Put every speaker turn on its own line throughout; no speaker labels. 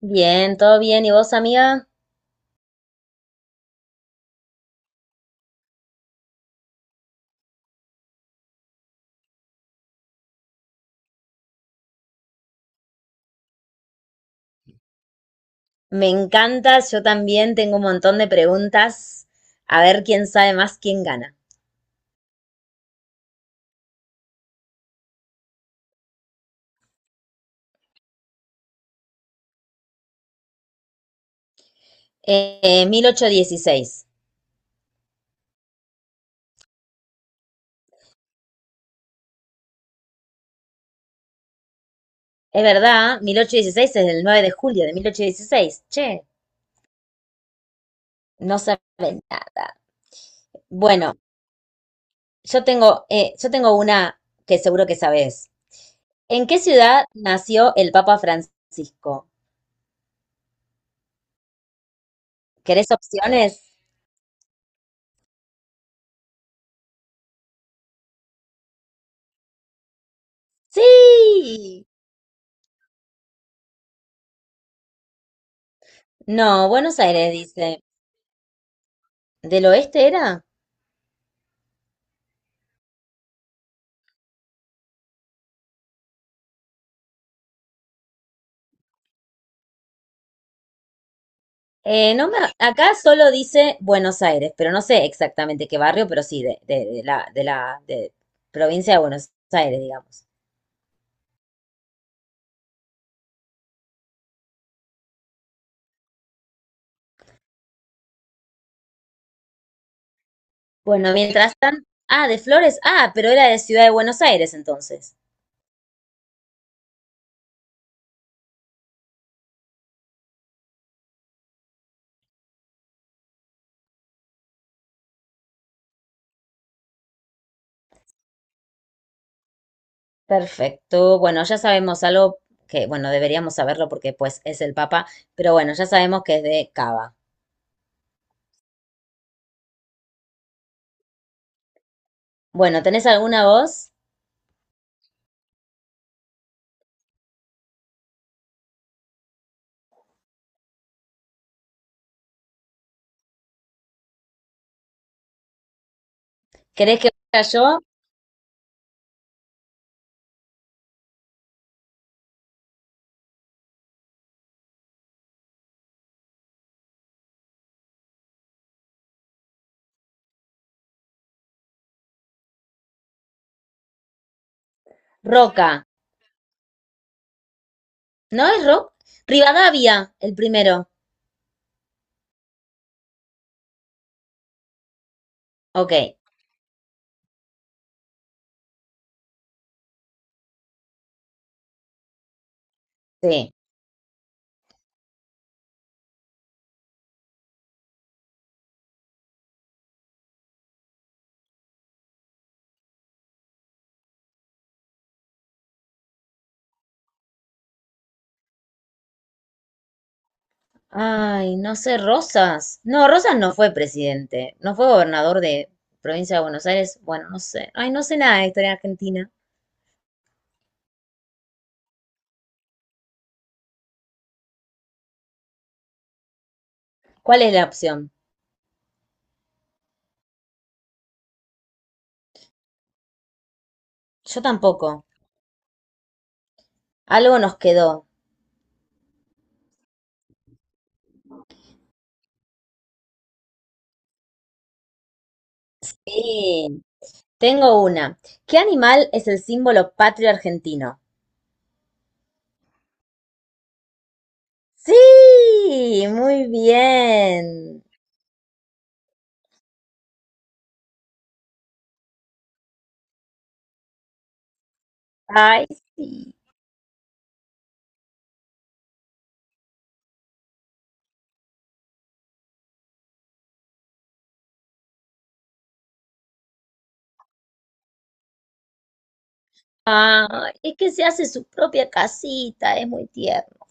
Bien, todo bien. ¿Y vos, amiga? Me encanta, yo también tengo un montón de preguntas. A ver quién sabe más, quién gana. 1816. Es verdad, 1816 es el 9 de julio de 1816. Che, no sabe nada. Bueno, yo tengo una que seguro que sabés. ¿En qué ciudad nació el Papa Francisco? ¿Querés opciones? Sí. No, Buenos Aires dice. ¿Del oeste era? No me, acá solo dice Buenos Aires, pero no sé exactamente qué barrio, pero sí, de la de provincia de Buenos Aires, digamos. Bueno, mientras tanto, ah, de Flores, ah, pero era de Ciudad de Buenos Aires entonces. Perfecto, bueno, ya sabemos algo que, bueno, deberíamos saberlo porque pues es el Papa, pero bueno, ya sabemos que es de Cava. Bueno, ¿tenés alguna voz? ¿Querés que vaya yo? Roca, ¿no es Roca? Rivadavia, el primero. Ok, sí. Ay, no sé, Rosas. No, Rosas no fue presidente, no fue gobernador de provincia de Buenos Aires. Bueno, no sé. Ay, no sé nada de historia argentina. ¿Cuál es la opción? Yo tampoco. Algo nos quedó. Sí, tengo una. ¿Qué animal es el símbolo patrio argentino? Sí, muy bien. Ay, sí. Ay, es que se hace su propia casita, es muy tierno.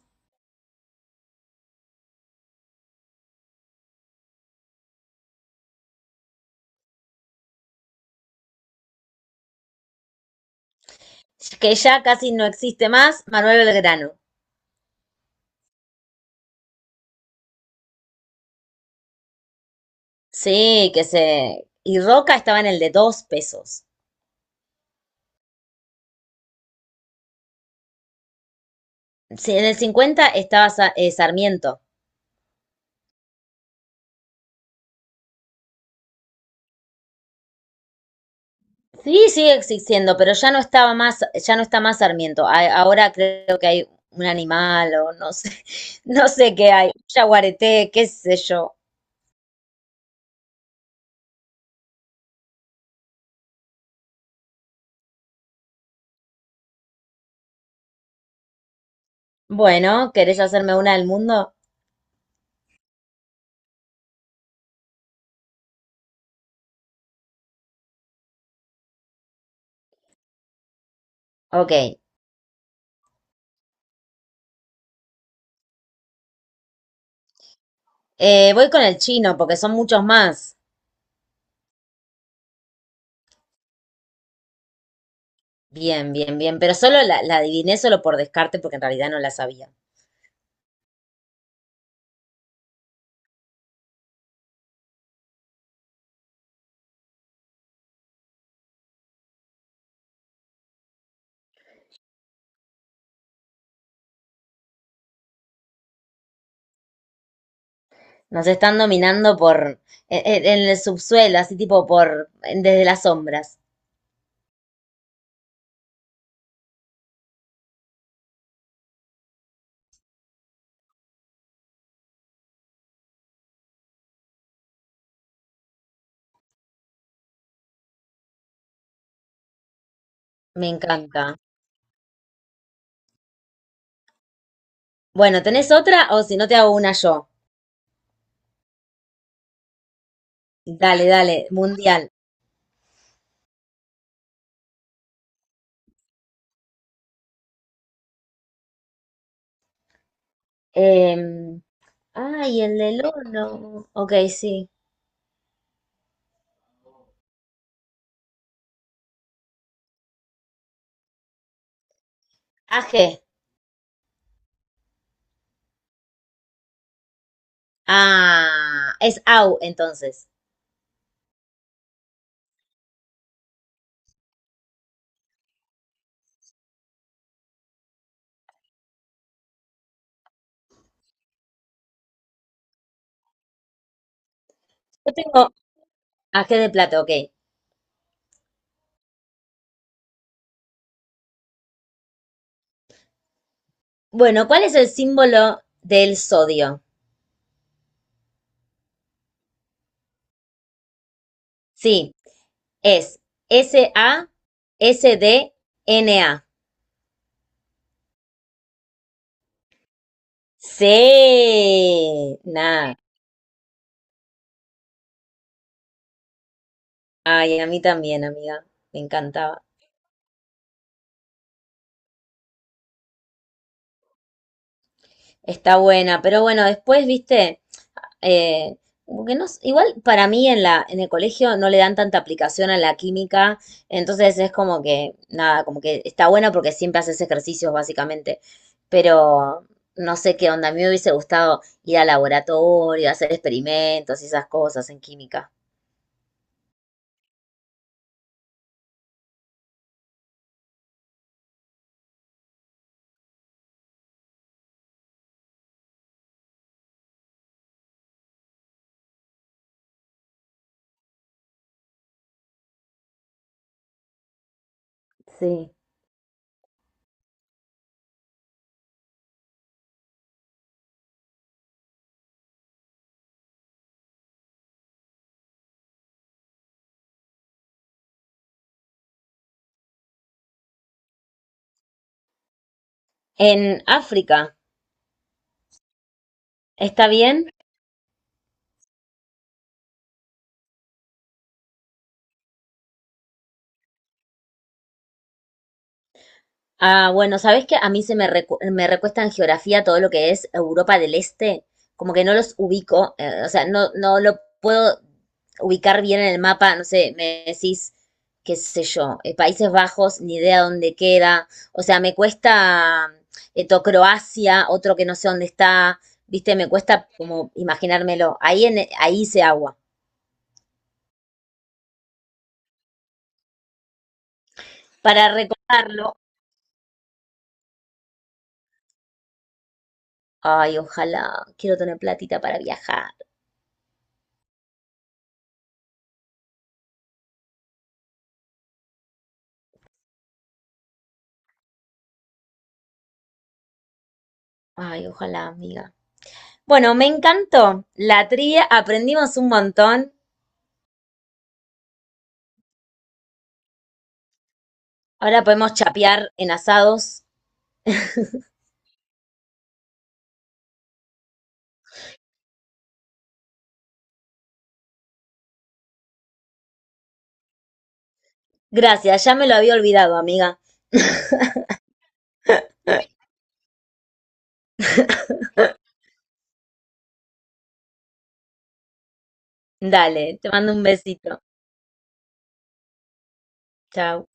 Que ya casi no existe más, Manuel Belgrano. Sí, que se... y Roca estaba en el de 2 pesos. Sí, en el 50 estaba Sarmiento. Sí, sigue existiendo, pero ya no estaba más, ya no está más Sarmiento. Ahora creo que hay un animal o no sé, no sé qué hay, un yaguareté, qué sé yo. Bueno, ¿querés hacerme una del mundo? Ok. Voy con el chino porque son muchos más. Bien, bien, bien. Pero solo la adiviné solo por descarte porque en realidad no la sabía. Nos están dominando por en el subsuelo, así tipo por desde las sombras. Me encanta. Bueno, ¿tenés otra? O si no, te hago una yo. Dale, dale, mundial. Em, ay, el del horno. Ok, sí. AG. Ah, es AU entonces. Yo tengo AG de plata, ok. Bueno, ¿cuál es el símbolo del sodio? Sí, es S-A-S-D-N-A. Sí, nada. Ay, a mí también, amiga. Me encantaba. Está buena, pero bueno, después, viste, eh, como que no, s- igual para mí en en el colegio no le dan tanta aplicación a la química, entonces es como que, nada, como que está buena porque siempre haces ejercicios, básicamente. Pero no sé qué onda, a mí me hubiese gustado ir al laboratorio, hacer experimentos y esas cosas en química. Sí. En África, ¿está bien? Ah, bueno, ¿sabes que a mí se me, recu- me recuesta en geografía todo lo que es Europa del Este, como que no los ubico, o sea, no, no lo puedo ubicar bien en el mapa, no sé, me decís, qué sé yo, Países Bajos, ni idea dónde queda, o sea, me cuesta to- Croacia, otro que no sé dónde está, viste, me cuesta como imaginármelo, ahí, en, ahí hice agua. Para recordarlo, ay, ojalá, quiero tener platita para viajar, ay, ojalá, amiga. Bueno, me encantó la tría, aprendimos un montón. Ahora podemos chapear en asados. Gracias, ya me lo había olvidado, amiga. Dale, te mando un besito. Chao.